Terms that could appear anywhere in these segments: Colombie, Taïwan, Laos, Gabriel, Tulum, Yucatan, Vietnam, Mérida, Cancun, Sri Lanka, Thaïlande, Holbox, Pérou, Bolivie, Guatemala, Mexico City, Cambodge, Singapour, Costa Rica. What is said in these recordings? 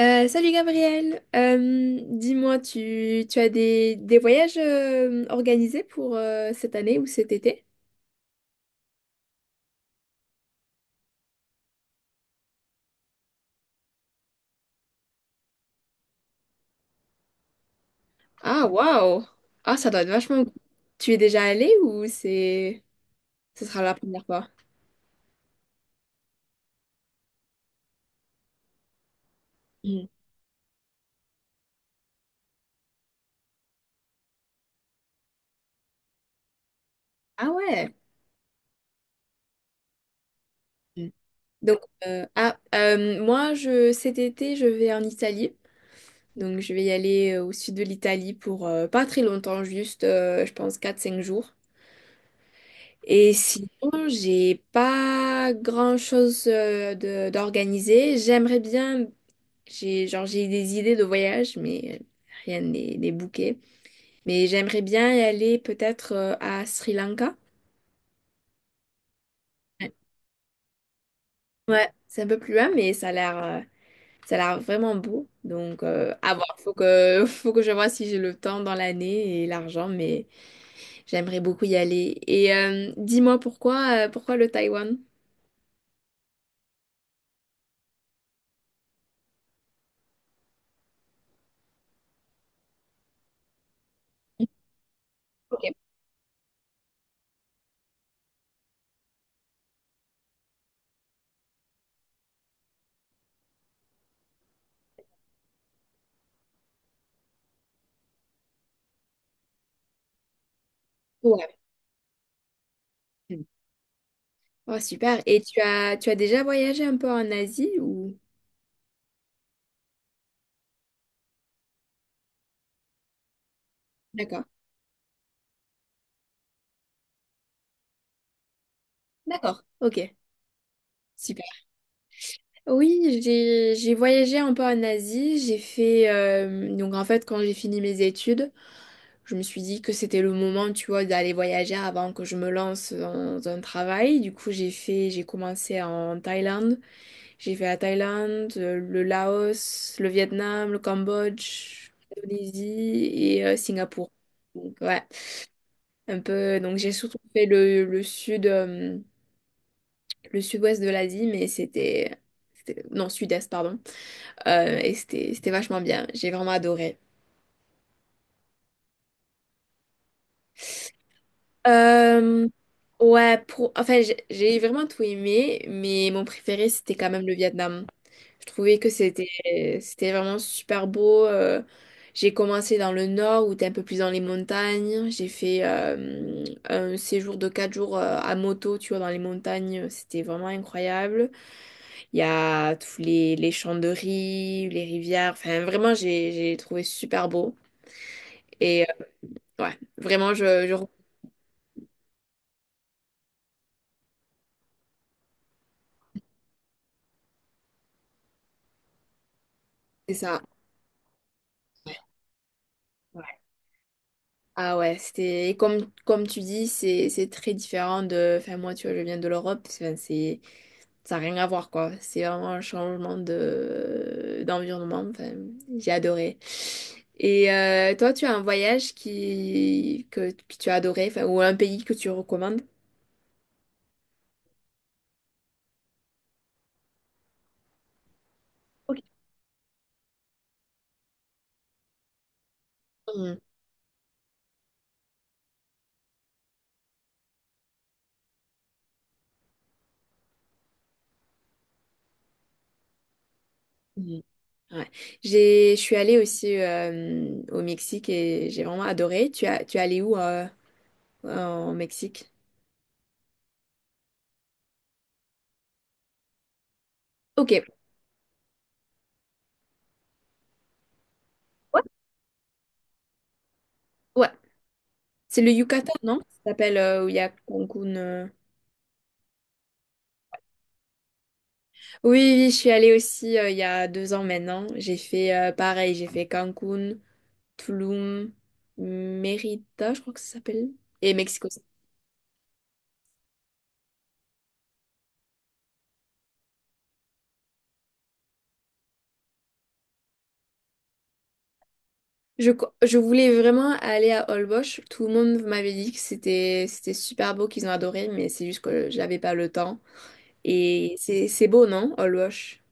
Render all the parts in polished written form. Salut Gabriel. Dis-moi, tu as des voyages organisés pour cette année ou cet été? Ah, waouh! Ah, ça doit être vachement cool. Tu es déjà allé ou c'est... Ce sera la première fois? Mhm. Ah, ouais! Mhm. Donc, moi, cet été, je vais en Italie. Donc, je vais y aller au sud de l'Italie pour pas très longtemps, juste, je pense, quatre cinq jours. Et sinon, j'ai pas grand-chose de d'organiser. J'aimerais bien, j'ai des idées de voyage, mais rien n'est booké. Mais j'aimerais bien y aller peut-être à Sri Lanka. Ouais, ouais, c'est un peu plus loin, mais ça a l'air vraiment beau. Donc à voir, faut que faut que je vois si j'ai le temps dans l'année et l'argent, mais j'aimerais beaucoup y aller. Et dis-moi pourquoi le Taïwan? Ok. Ouais. Oh, super. Et tu as déjà voyagé un peu en Asie ou... D'accord. D'accord. Ok. Super. Oui, j'ai voyagé un peu en Asie. J'ai fait... donc en fait, quand j'ai fini mes études, je me suis dit que c'était le moment, tu vois, d'aller voyager avant que je me lance dans un travail. Du coup, j'ai commencé en Thaïlande. J'ai fait la Thaïlande, le Laos, le Vietnam, le Cambodge, l'Indonésie et Singapour. Donc, ouais. Un peu. Donc j'ai surtout fait le sud, le sud-ouest de l'Asie, mais non, sud-est, pardon. Et c'était vachement bien. J'ai vraiment adoré. Euh, ouais, enfin, j'ai vraiment tout aimé, mais mon préféré, c'était quand même le Vietnam. Je trouvais que c'était vraiment super beau. J'ai commencé dans le nord, où t'es un peu plus dans les montagnes. J'ai fait un séjour de 4 jours à moto, tu vois, dans les montagnes. C'était vraiment incroyable. Il y a tous les champs de riz, les rivières. Enfin, vraiment, j'ai trouvé super beau. Et ouais, vraiment, je recommande ça. Ouais. Ouais. Ah ouais, c'était et comme tu dis, c'est très différent de. Enfin moi, tu vois, je viens de l'Europe. Enfin, c'est ça n'a rien à voir quoi. C'est vraiment un changement de d'environnement. Enfin, j'ai adoré. Et toi, tu as un voyage que tu as adoré, enfin, ou un pays que tu recommandes? Ok. Mhm. Ouais. Je suis allée aussi au Mexique et j'ai vraiment adoré. Tu es allée où en Mexique? Ok. Ouais. Ouais. C'est le Yucatan, non? Ça s'appelle où il y a Cancun. Oui, oui, je suis allée aussi il y a 2 ans maintenant. J'ai fait pareil, j'ai fait Cancun, Tulum, Mérida, je crois que ça s'appelle, et Mexico City. Je voulais vraiment aller à Holbox. Tout le monde m'avait dit que c'était super beau, qu'ils ont adoré, mais c'est juste que j'avais pas le temps. Et c'est beau, non? Olbosch.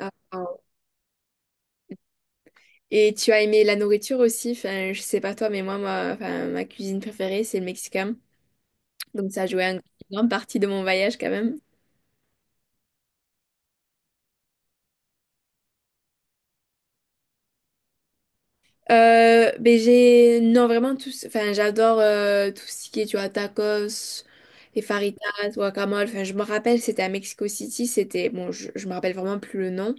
Ah, ah. Et tu as aimé la nourriture aussi? Enfin, je sais pas toi, mais moi, enfin, ma cuisine préférée, c'est le mexicain. Donc ça a joué une grande partie de mon voyage quand même. Ben, j'ai... Non, vraiment, tout... enfin, j'adore tout ce qui est, tu vois, tacos, les faritas, guacamole. Enfin, je me rappelle, c'était à Mexico City, c'était... Bon, je me rappelle vraiment plus le nom,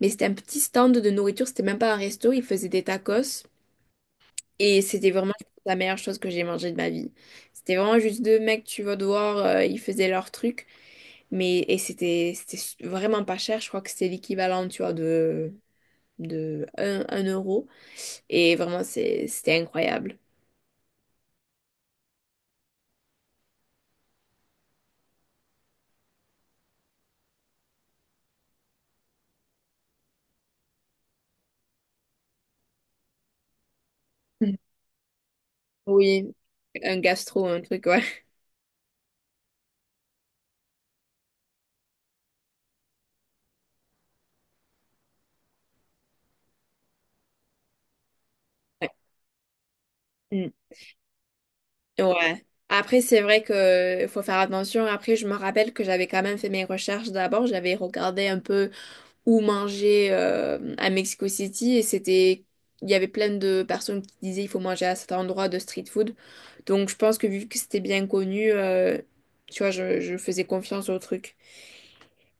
mais c'était un petit stand de nourriture, c'était même pas un resto, ils faisaient des tacos. Et c'était vraiment la meilleure chose que j'ai mangée de ma vie. C'était vraiment juste deux mecs, tu vas devoir ils faisaient leur truc. Mais, et c'était vraiment pas cher. Je crois que c'était l'équivalent, tu vois, de 1, un euro. Et vraiment, c'était incroyable. Mm. Oui, un gastro, un truc, ouais. Ouais. Mm. Ouais. Après, c'est vrai que faut faire attention. Après, je me rappelle que j'avais quand même fait mes recherches d'abord. J'avais regardé un peu ou manger à Mexico City et c'était il y avait plein de personnes qui disaient il faut manger à cet endroit de street food. Donc je pense que vu que c'était bien connu, tu vois, je faisais confiance au truc.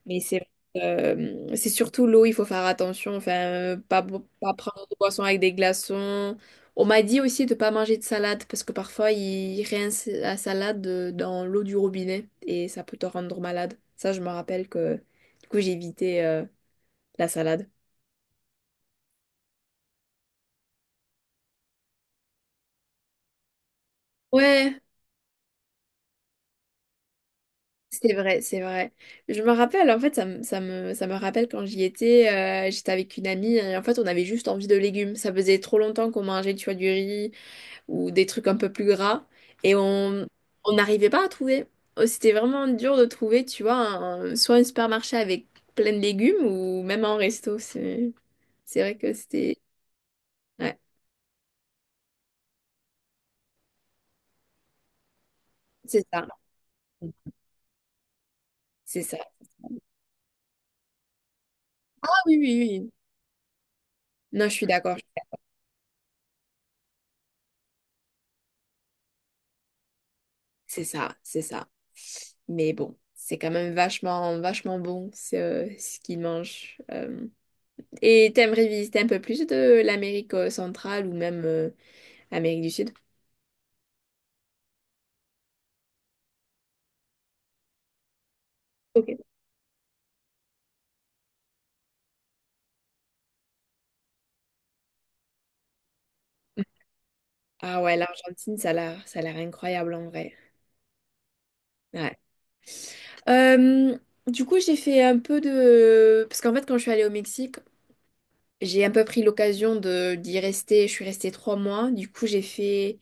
Mais c'est c'est surtout l'eau, il faut faire attention, enfin pas prendre de boisson avec des glaçons. On m'a dit aussi de pas manger de salade parce que parfois ils rincent la salade dans l'eau du robinet et ça peut te rendre malade. Ça, je me rappelle que du coup j'ai évité la salade. Ouais, c'est vrai, c'est vrai. Je me rappelle, en fait, ça me rappelle quand j'y étais, j'étais avec une amie et en fait, on avait juste envie de légumes. Ça faisait trop longtemps qu'on mangeait, tu vois, du riz ou des trucs un peu plus gras et on n'arrivait pas à trouver. C'était vraiment dur de trouver, tu vois, soit un supermarché avec plein de légumes ou même un resto. C'est vrai que c'était... Ouais, c'est ça, c'est ça. Ah oui, oui, oui. Non, je suis d'accord. C'est ça, c'est ça. Mais bon, c'est quand même vachement, vachement bon ce qu'ils mangent. Et t'aimerais visiter un peu plus de l'Amérique centrale ou même Amérique du Sud? Ok. Ah ouais, l'Argentine, ça a l'air incroyable en vrai. Ouais. Euh, du coup, j'ai fait un peu de... Parce qu'en fait, quand je suis allée au Mexique, j'ai un peu pris l'occasion de d'y rester. Je suis restée 3 mois. Du coup, j'ai fait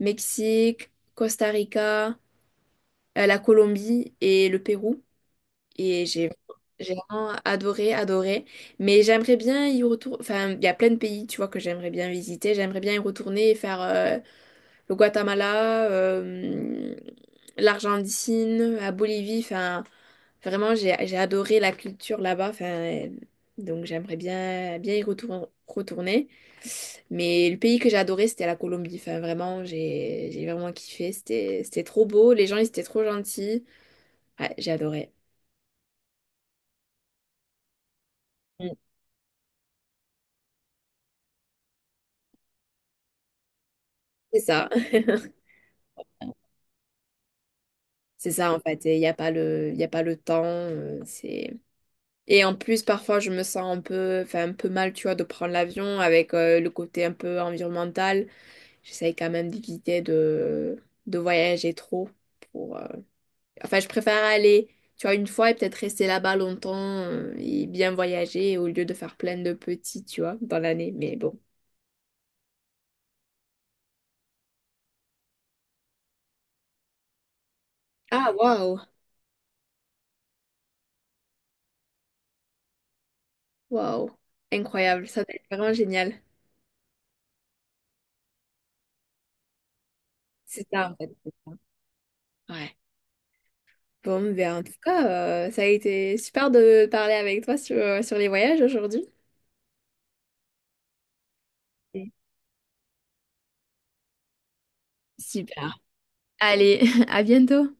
Mexique, Costa Rica, la Colombie et le Pérou. Et j'ai vraiment adoré, adoré. Mais j'aimerais bien y retourner. Enfin, il y a plein de pays, tu vois, que j'aimerais bien visiter. J'aimerais bien y retourner et faire le Guatemala, l'Argentine, la Bolivie. Enfin, vraiment, j'ai adoré la culture là-bas. Enfin, donc j'aimerais bien retourner. Mais le pays que j'ai adoré, c'était la Colombie. Enfin, vraiment, j'ai vraiment kiffé. C'était trop beau. Les gens, ils étaient trop gentils. Ouais, j'ai adoré. Mm. C'est ça. C'est ça en fait, il n'y a pas le, il a pas le temps. C'est... Et en plus, parfois, je me sens un peu, enfin, un peu mal, tu vois, de prendre l'avion avec le côté un peu environnemental. J'essaye quand même d'éviter de voyager trop. Pour, euh, Enfin, je préfère aller, tu vois, une fois et peut-être rester là-bas longtemps et bien voyager au lieu de faire plein de petits, tu vois, dans l'année. Mais bon. Ah, waouh! Waouh! Incroyable, ça va être vraiment génial. C'est ça en fait. C'est ça. Ouais. Bon, ben en tout cas, ça a été super de parler avec toi sur les voyages aujourd'hui. Oui. Super. Allez, à bientôt.